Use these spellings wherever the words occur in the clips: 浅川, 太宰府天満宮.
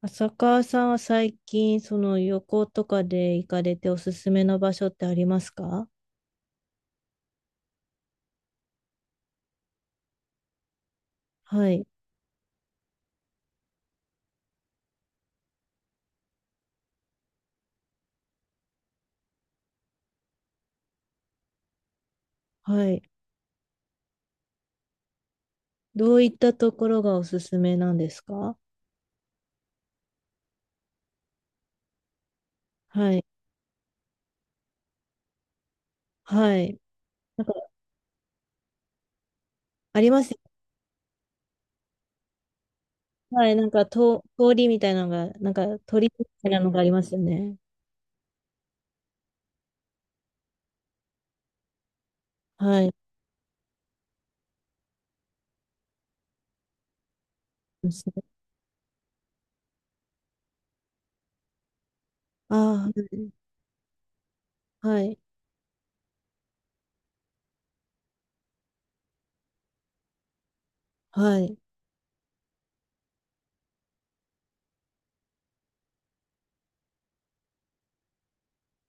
浅川さんは最近、その旅行とかで行かれておすすめの場所ってありますか？はい、はい。どういったところがおすすめなんですか？はい、はい。なんか、ありますよね。はい、なんか通りみたいなのが、なんか鳥みたいなのがありますよね。はい。ああ、はい、はい。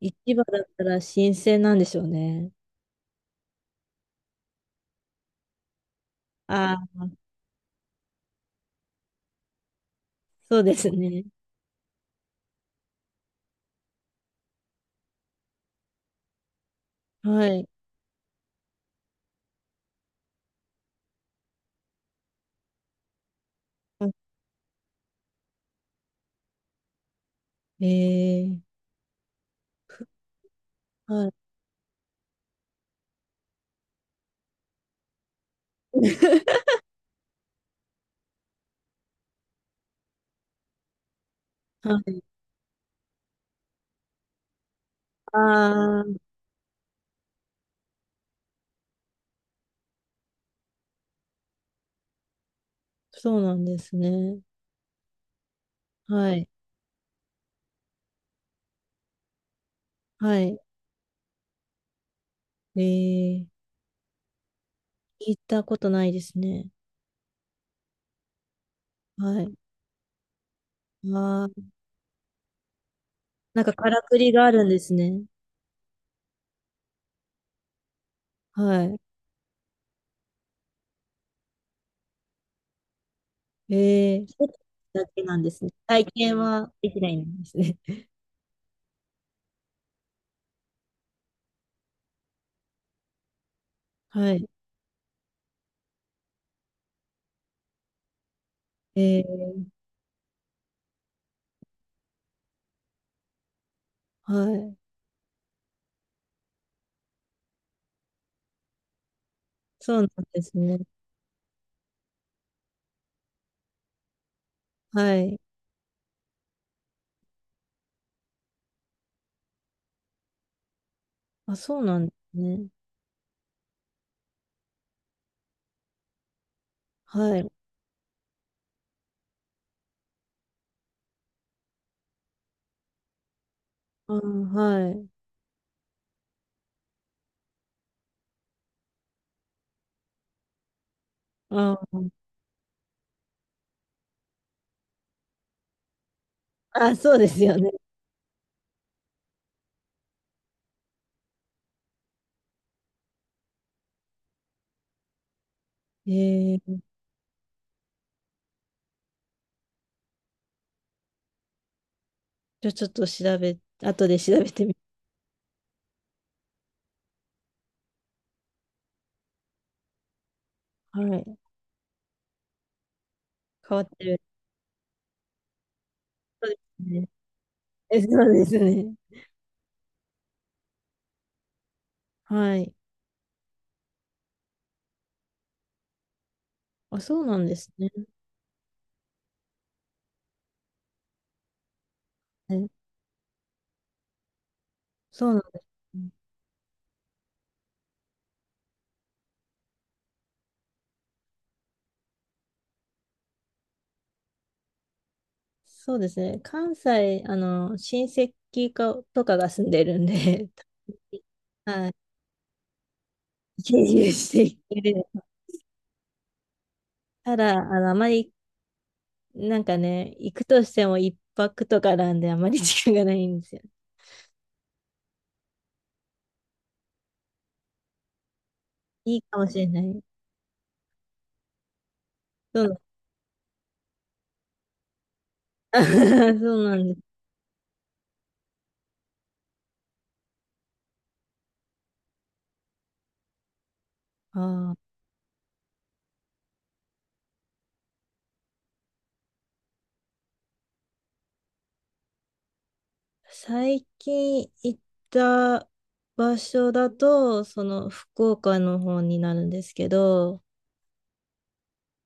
市場だったら新鮮なんでしょうね。ああ、そうですね。はい。あ、ええ、はい。はい。あ、そうなんですね。はい。はい。えー、聞いたことないですね。はい。あー、なんかからくりがあるんですね。はい。えー、一つだけなんですね。体験はできないんですね。はい。えー、はい。そうなんですね。はい。あ、そうなんですね。はい。あー、はい。あー、あ、そうですよね。えー、じゃあちょっと後で調べてみ、はい。変わってる。そうですね。え、そうですね。はい。あ、そうなんですね。え、そうなんですね。そうですね。関西、親戚かとかが住んでるんで、はい。経由していて、ただ、あまり、なんかね、行くとしても一泊とかなんで、あまり時間がないんですよ。いいかもしれない。そうなん、そうなんです。あー、最近行った場所だと、その福岡の方になるんですけど、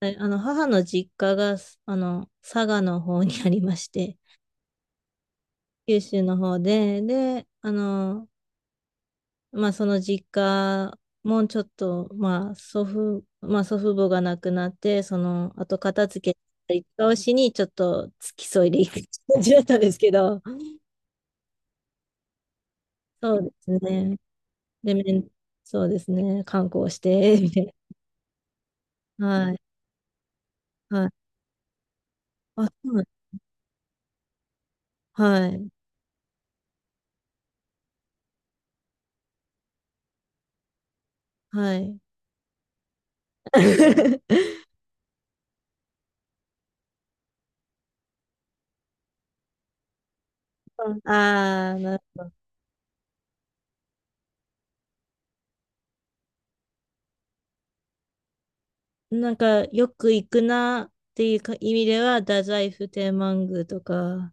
はい。母の実家が佐賀の方にありまして、九州の方で、まあその実家もちょっと、まあ祖父母が亡くなって、あと片付けたりとかをしにちょっと付き添いで行く感じだったんですけど、そうですね。で、そうですね、観光して、みたいな。はい、はい。あ、そうなんはい、はい。ああ、なるほど。なんか、よく行くなっていうか意味では、太宰府天満宮とか、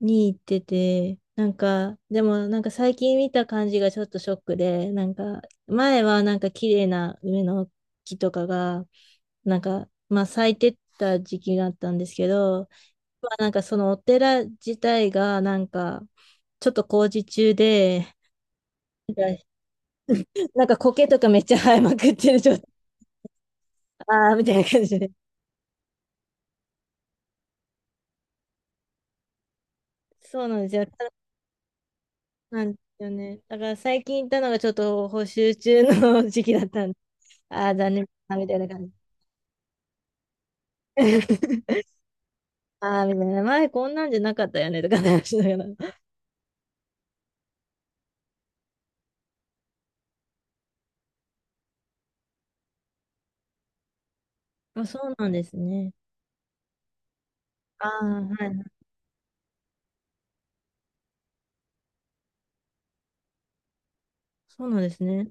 に行ってて、なんか、でもなんか最近見た感じがちょっとショックで、なんか、前はなんか綺麗な梅の木とかが、なんか、まあ咲いてった時期があったんですけど、まあなんかそのお寺自体がなんか、ちょっと工事中で、なんかなんか苔とかめっちゃ生えまくってる状態、ああ、みたいな感じで。そうなんですよ。なんですよね。だから最近行ったのがちょっと補修中の時期だったんで、ああ、残念だなみたいな感じ。ああ、みたいな。前こんなんじゃなかったよね、とかね話しながら。まあ、そうなんですね。ああ、はい。そうなんですね。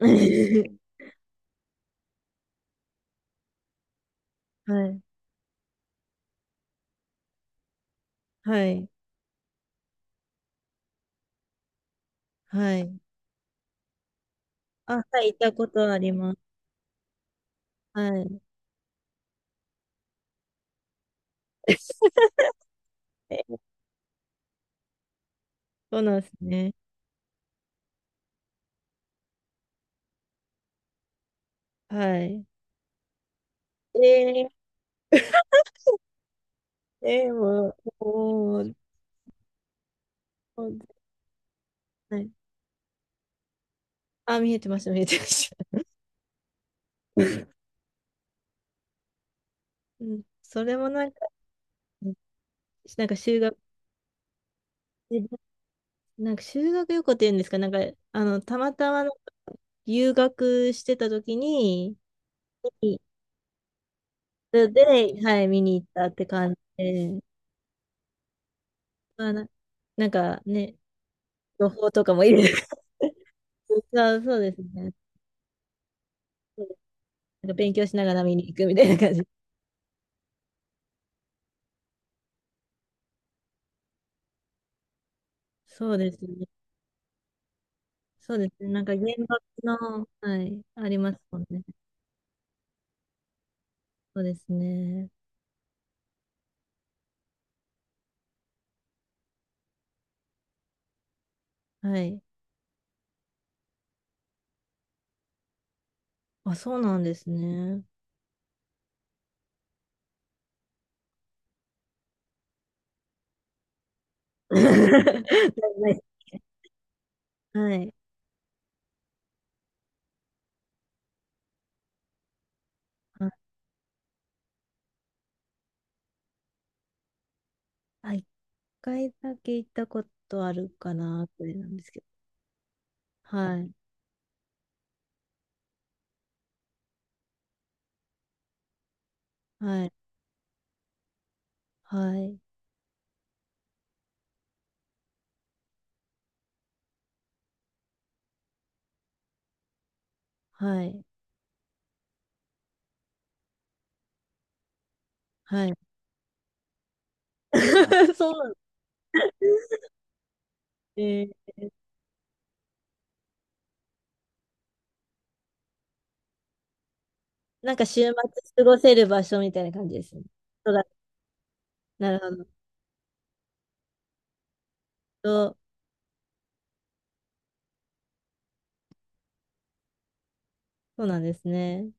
はい。はい。はい。あ、はい、行ったことあります。はい。え、そうなんですね。はい。えー、えー、もう、おー、はい。あ、見えてました、見えてました。うん、それもなんか、なんか修学、なんか修学旅行っていうんですか、なんか、たまたま留学してた時に、で、はい、見に行ったって感じで、まあ、なんかね、情報とかもいる。そうそうですね。そうです、なんか勉強しながら見に行くみたいな感じ。そうですね。そうですね。なんか原爆の、はい、ありますもんね。そうですね。はい。あ、そうなんですね。はい、ない、はい。あ、あ、一回だけ行ったことあるかな、くらいなんですけど。はい。はい。はい。はい。はい。そうなんですね。ー、なんか週末過ごせる場所みたいな感じですね。そうだ。なるほど。そう、そうなんですね。